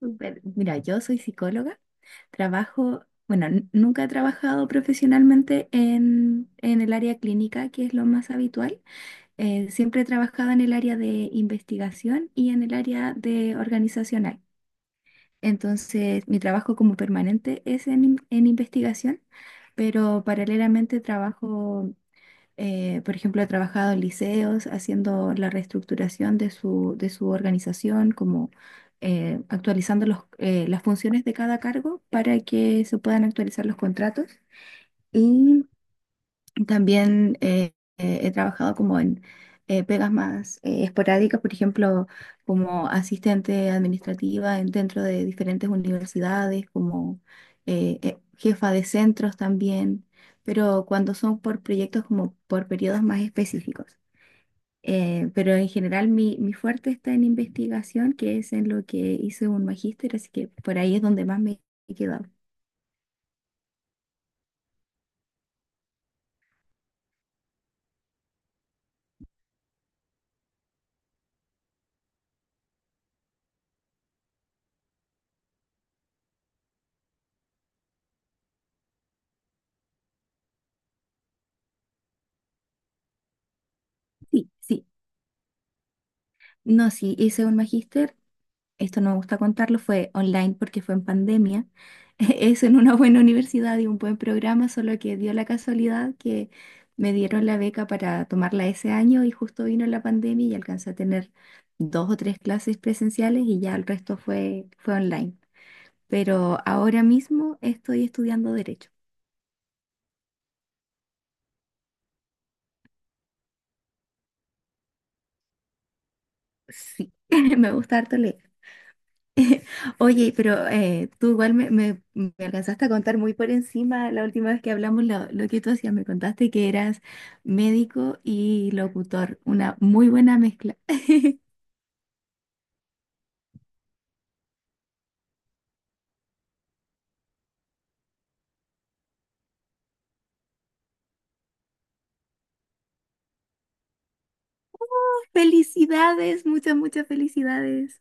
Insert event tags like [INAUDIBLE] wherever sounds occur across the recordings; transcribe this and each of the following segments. Súper. Mira, yo soy psicóloga, trabajo, bueno, nunca he trabajado profesionalmente en el área clínica, que es lo más habitual. Siempre he trabajado en el área de investigación y en el área de organizacional. Entonces, mi trabajo como permanente es en investigación, pero paralelamente trabajo por ejemplo, he trabajado en liceos haciendo la reestructuración de su organización, como actualizando las funciones de cada cargo para que se puedan actualizar los contratos. Y también he trabajado como en pegas más esporádicas, por ejemplo, como asistente administrativa dentro de diferentes universidades, como jefa de centros también, pero cuando son por proyectos como por periodos más específicos. Pero en general mi fuerte está en investigación, que es en lo que hice un magíster, así que por ahí es donde más me he quedado. Sí, sí. No, sí, hice un magíster. Esto no me gusta contarlo, fue online porque fue en pandemia. [LAUGHS] Es en una buena universidad y un buen programa, solo que dio la casualidad que me dieron la beca para tomarla ese año y justo vino la pandemia y alcancé a tener dos o tres clases presenciales y ya el resto fue online. Pero ahora mismo estoy estudiando derecho. Sí, [LAUGHS] me gusta harto leer. Oye, pero tú igual me alcanzaste a contar muy por encima la última vez que hablamos lo que tú hacías. Me contaste que eras médico y locutor, una muy buena mezcla. [LAUGHS] Felicidades, muchas, muchas felicidades.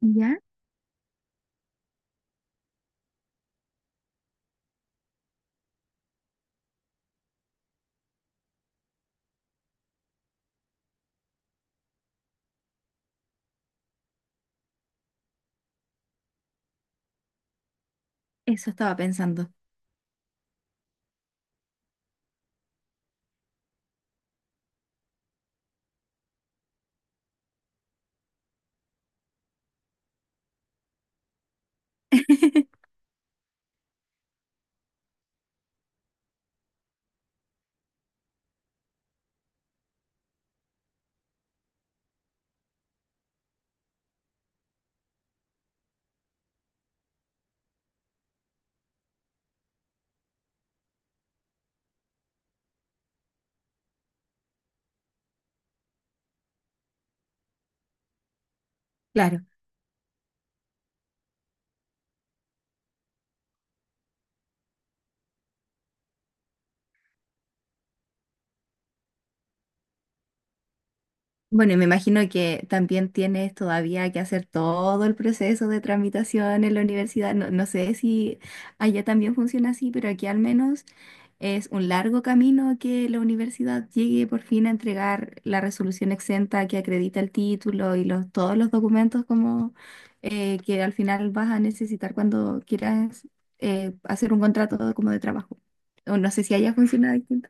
¿Ya? Eso estaba pensando. [LAUGHS] Claro. Bueno, y me imagino que también tienes todavía que hacer todo el proceso de tramitación en la universidad. No, no sé si allá también funciona así, pero aquí al menos es un largo camino a que la universidad llegue por fin a entregar la resolución exenta que acredita el título y todos los documentos como que al final vas a necesitar cuando quieras hacer un contrato como de trabajo. O no sé si haya funcionado distinto.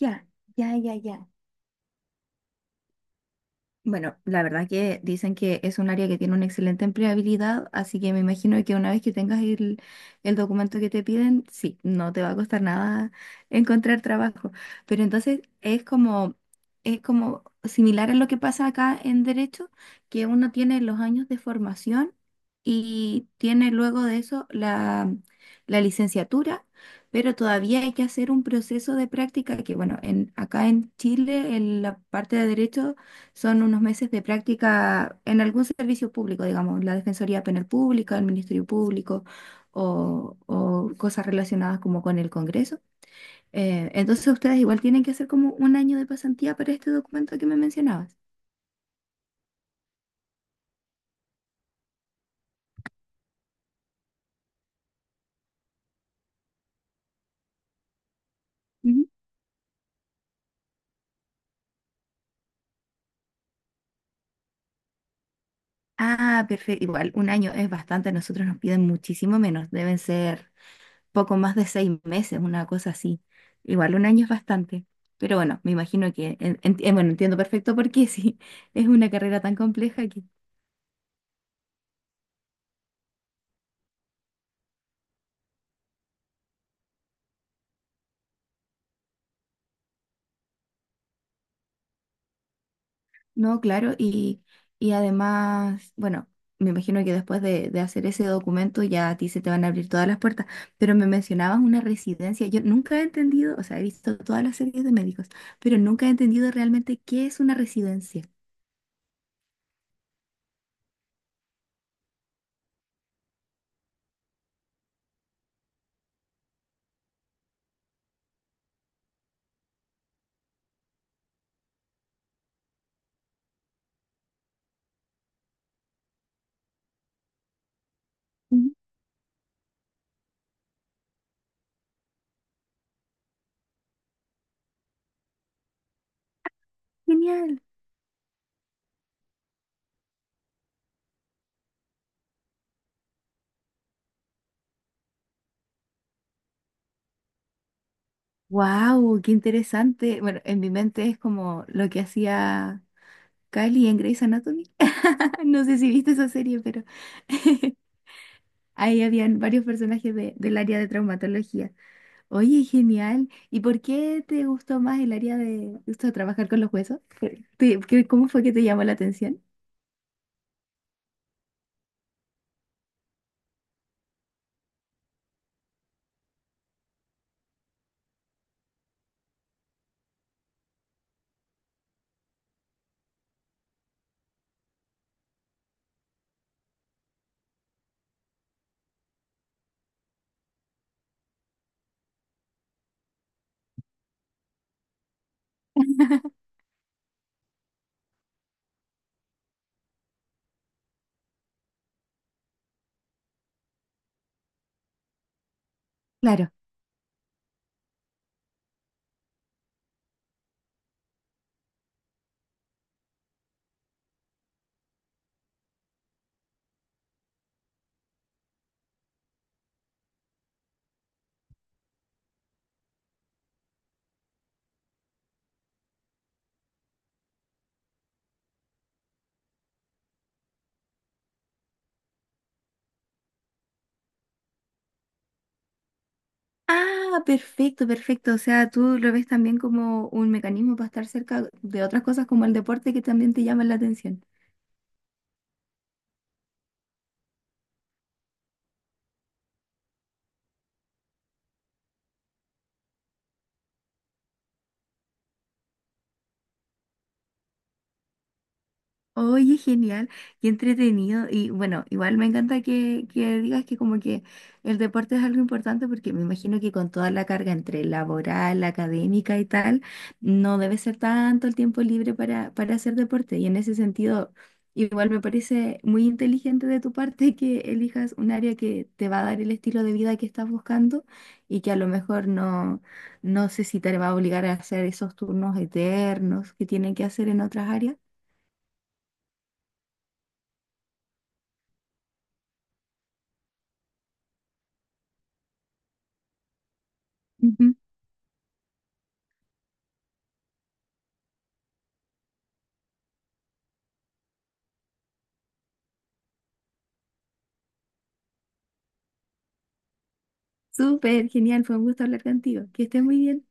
Ya, ya, ya, ya. Bueno, la verdad que dicen que es un área que tiene una excelente empleabilidad, así que me imagino que una vez que tengas el documento que te piden, sí, no te va a costar nada [LAUGHS] encontrar trabajo. Pero entonces es como, similar a lo que pasa acá en Derecho, que uno tiene los años de formación y tiene luego de eso la licenciatura, pero todavía hay que hacer un proceso de práctica que, bueno, acá en Chile, en la parte de Derecho son unos meses de práctica en algún servicio público, digamos, la Defensoría Penal Pública, el Ministerio Público o cosas relacionadas como con el Congreso. Entonces ustedes igual tienen que hacer como un año de pasantía para este documento que me mencionabas. Ujú. Ah, perfecto. Igual, un año es bastante. A nosotros nos piden muchísimo menos. Deben ser poco más de 6 meses, una cosa así. Igual, un año es bastante. Pero bueno, me imagino que, bueno, entiendo perfecto por qué, [LAUGHS] sí, es una carrera tan compleja. No, claro, y además, bueno, me imagino que después de hacer ese documento ya a ti se te van a abrir todas las puertas, pero me mencionabas una residencia, yo nunca he entendido, o sea, he visto todas las series de médicos, pero nunca he entendido realmente qué es una residencia. Mm. Genial. Wow, qué interesante. Bueno, en mi mente es como lo que hacía Kylie en Grey's Anatomy. [LAUGHS] No sé si viste esa serie, pero [LAUGHS] ahí habían varios personajes del área de traumatología. Oye, genial. ¿Y por qué te gustó más el área de esto de trabajar con los huesos? ¿Cómo fue que te llamó la atención? Claro. Ah, perfecto, perfecto. O sea, tú lo ves también como un mecanismo para estar cerca de otras cosas como el deporte que también te llaman la atención. Oye, genial, y entretenido. Y bueno, igual me encanta que, digas que como que el deporte es algo importante porque me imagino que con toda la carga entre laboral, académica y tal, no debe ser tanto el tiempo libre para hacer deporte. Y en ese sentido, igual me parece muy inteligente de tu parte que elijas un área que te va a dar el estilo de vida que estás buscando y que a lo mejor no, no sé si te va a obligar a hacer esos turnos eternos que tienen que hacer en otras áreas. Súper, genial, fue un gusto hablar contigo. Que estés muy bien.